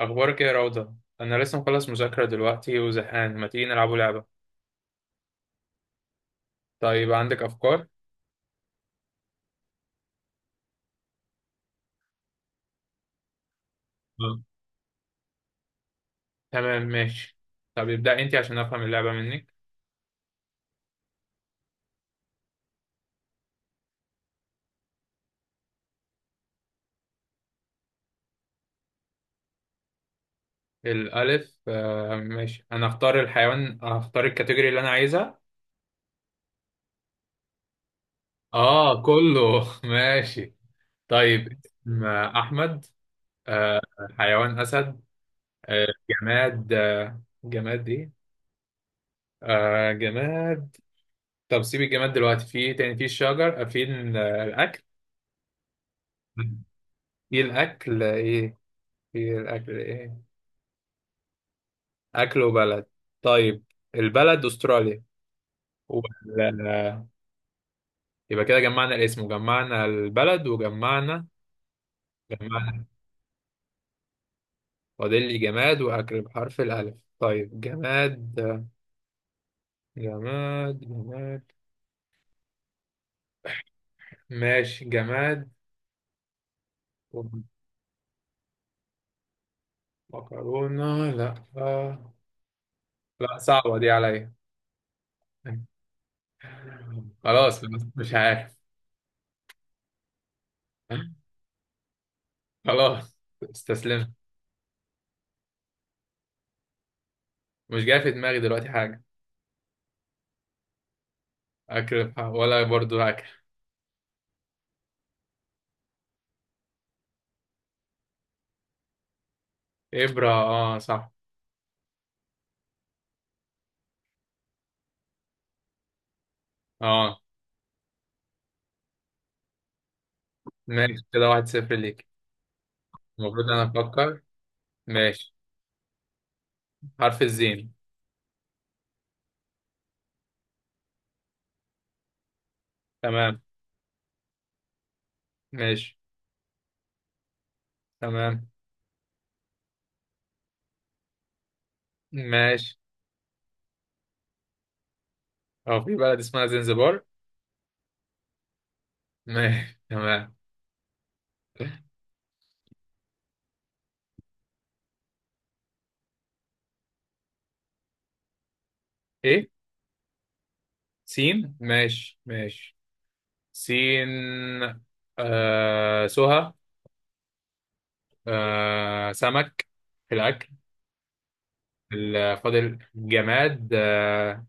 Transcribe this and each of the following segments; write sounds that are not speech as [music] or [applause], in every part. أخبارك إيه يا روضة؟ أنا لسه مخلص مذاكرة دلوقتي وزهقان، ما تيجي نلعبوا لعبة؟ طيب عندك أفكار؟ آه. تمام ماشي، طب ابدأ أنت عشان أفهم اللعبة منك. الألف آه ماشي، أنا أختار الحيوان، أختار الكاتيجوري اللي أنا عايزها. آه كله [laughs] ماشي. طيب اسم أحمد. آه حيوان أسد. آه جماد، آه جماد إيه؟ آه جماد. طب سيب الجماد دلوقتي، في إيه تاني؟ في الشجر، في الأكل. ايه الاكل ايه؟ في الأكل إيه؟ أكل وبلد. طيب البلد أستراليا. وال- يبقى كده جمعنا الاسم وجمعنا البلد وجمعنا، جمعنا فاضل لي جماد وأكل بحرف الألف. طيب جماد، جماد جماد. ماشي جماد. مكرونة، لا. لا صعبة دي عليا. خلاص. مش عارف. خلاص، استسلمت. مش جاي في دماغي دلوقتي حاجة. أكل ولا برضو أكل. إبرة، آه صح. اه ماشي، كده 1-0 ليك. المفروض انا افكر. ماشي. حرف الزين. تمام. ماشي. تمام. ماشي. هو في بلد اسمها زنزبار؟ [laughs] ماشي تمام. ايه. سين، ماشي ماشي. سين. آه سهى. آه سمك في الاكل. فاضل جماد، آه.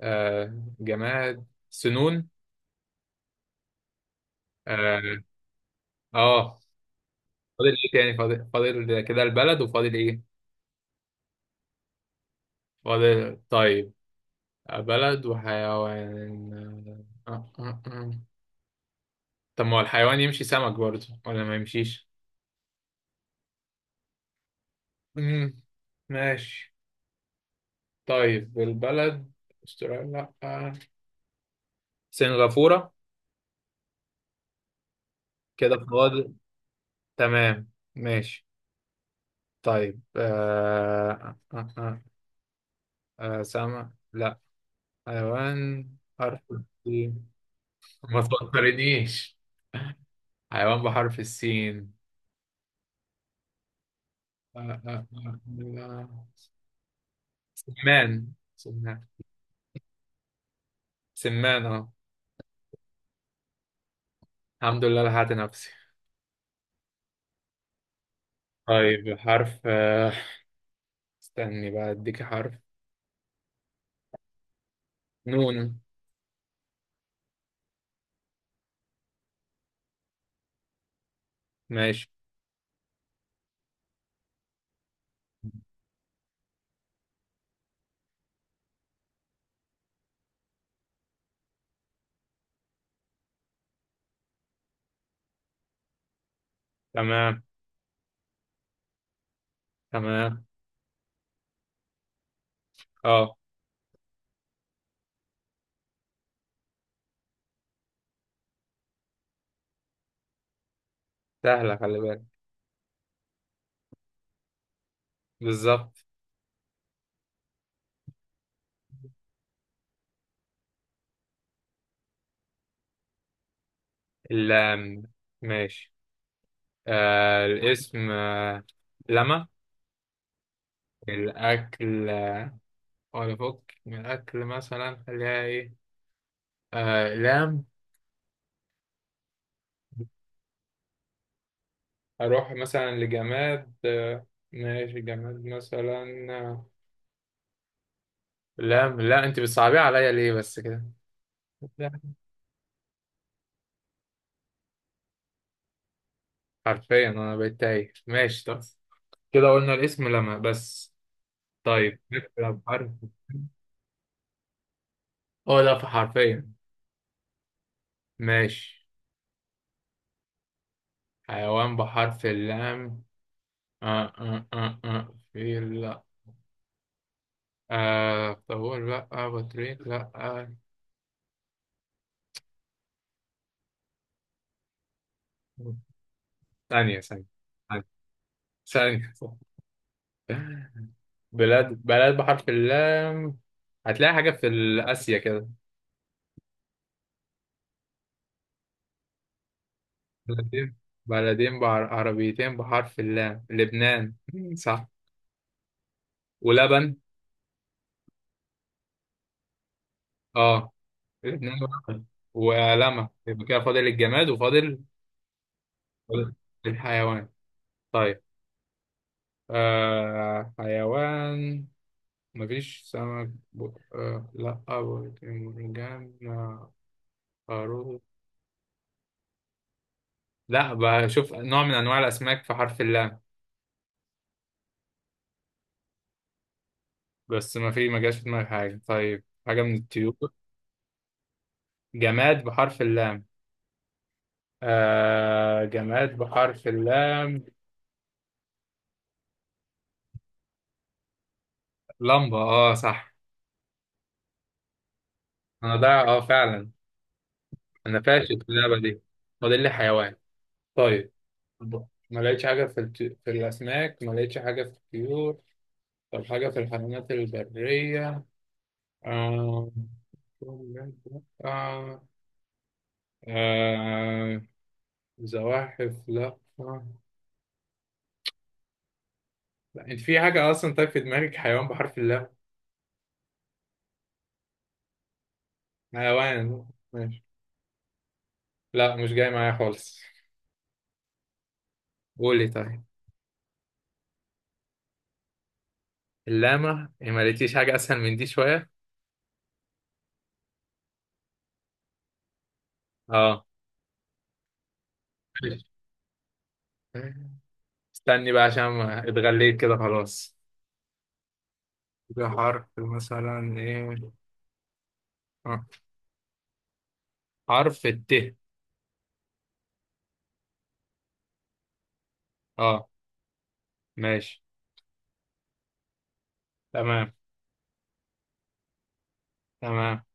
آه جماد سنون. اه. آه. فاضل ايه تاني؟ فاضل، فاضل كده البلد وفاضل ايه؟ فاضل طيب، بلد وحيوان. آه، آه، آه. طب ما هو الحيوان يمشي سمك برضه ولا ما يمشيش؟ مم. ماشي. طيب البلد، استراليا لأ، سنغافورة. كده فاضل، تمام ماشي. طيب آه... آه... آه... آه... آه، سمك لا. حيوان، حرف السين. ما تفكرنيش. حيوان بحرف السين. آه... آه... آه... آه. آه. سمان، سمان. سمان، اه. الحمد لله لحقت نفسي. طيب حرف، استني بقى اديك حرف. نون. ماشي. تمام. تمام. اه. سهلة خلي بالك. بالظبط. اللام. ماشي. آه الاسم، آه لما. الأكل آه، ولا فك من الأكل مثلا، خليها إيه؟ آه لام. أروح مثلا لجماد، آه. ماشي، جماد مثلا. آه، لام لا. أنت بتصعبيه عليا ليه بس كده؟ حرفيا انا بقيت تايه. ماشي طب، كده قلنا الاسم لما بس. طيب نبدأ بحرف. اه، لا في حرفيا. ماشي. حيوان بحرف اللام. آه آه آه آه في، لا. آه طول لا، آه بطريق لا، آه. ثانية ثانية. ثانية ثانية. بلاد بلاد بحرف اللام. هتلاقي حاجة في آسيا كده. بلدين. بلدين عربيتين بحرف اللام، لبنان مم، صح. ولبن. اه، الاثنين ورقة. ولمع. يبقى كده فاضل الجماد وفاضل، فاضل الحيوان. طيب آه حيوان. مفيش سمك آه لا. مرجان، آه. خروف. لا بشوف نوع من انواع الاسماك في حرف اللام. بس ما في، ما جاش في دماغي حاجه. طيب حاجه من الطيور. جماد بحرف اللام. آه جماد بحرف اللام. لمبه، اه صح. انا ضايع، اه فعلا. انا فاشل في اللعبه دي. فاضل لي حيوان. طيب ما لقيتش حاجة في في الأسماك، ما لقيتش حاجة في الطيور. طب حاجة في الحيوانات البرية. آه... آه... آه... زواحف لا، آه. لا انت في حاجة أصلا؟ طيب في دماغك حيوان بحرف اللام؟ حيوان. ماشي. لا مش جاي معايا خالص. قولي طيب. اللامة إيه، ما لقيتيش حاجة أسهل من دي شوية؟ اه. ماشي. استني بقى عشان ما اتغليت كده خلاص. حاجة حرف مثلا ايه، حرف الت. اه. ماشي. تمام. تمام.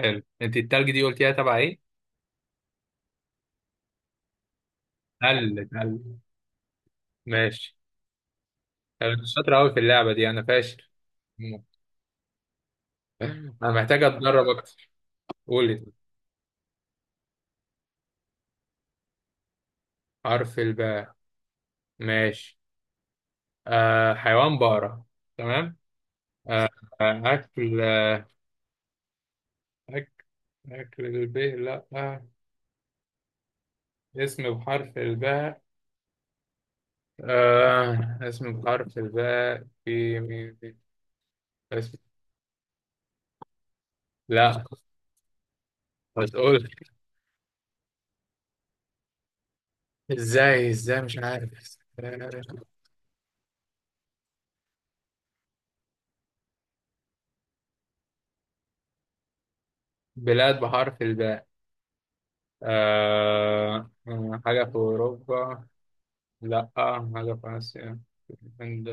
حلو، انت التلج دي قلتيها تبع ايه؟ تل، تل. ماشي. انا مش شاطر قوي في اللعبة دي، انا فاشل. [laughs] انا محتاج اتدرب اكتر. قولي. حرف الباء. ماشي. آه حيوان بقرة. تمام. آه. آه، اكل. أكل. أكل الباء لا، آه. اسم بحرف الباء. آه. اسم بحرف الباء، في مين في؟ اسم. لا. هتقول. ازاي ازاي مش عارف. بلاد بحرف الباء. آه آه، حاجة في أوروبا لأ، حاجة في آسيا، الهند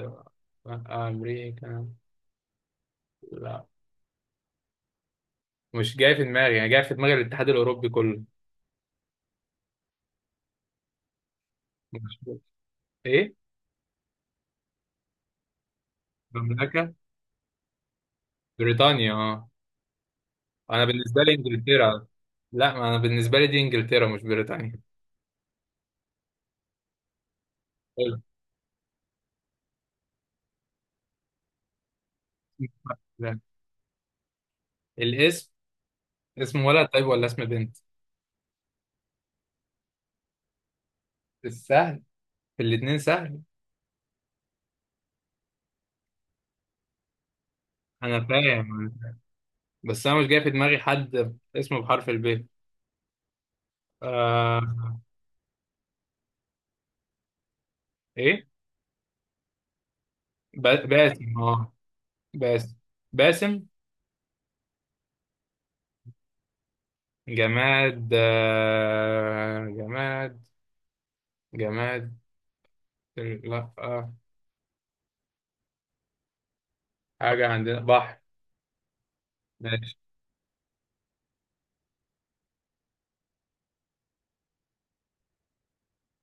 لأ، أمريكا لأ. مش جاي في دماغي، يعني جاي في دماغي الاتحاد الأوروبي كله. مش- إيه؟ المملكة. بريطانيا، اه. أنا بالنسبة لي إنجلترا. لأ، ما أنا بالنسبة لي دي إنجلترا مش بريطانيا. حلو. لا. الاسم. اسم ولد طيب ولا اسم بنت؟ السهل، في الاتنين سهل. أنا فاهم، بس انا مش جاي في دماغي حد اسمه بحرف الب. آه. ايه. باسم، اه. باسم. باسم. جماد، آه جماد. جماد. لا، آه. حاجة عندنا بحر. ماشي.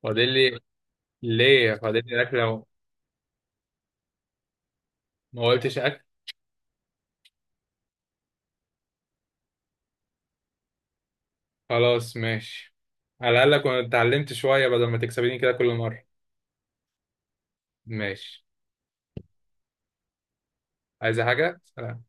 فاضل لي. ليه فاضل لي اكل لو؟ ما قلتش اكل. خلاص ماشي. على الاقل كنت اتعلمت شوية بدل ما تكسبيني كده كل مرة. ماشي. عايزة حاجة؟ سلام.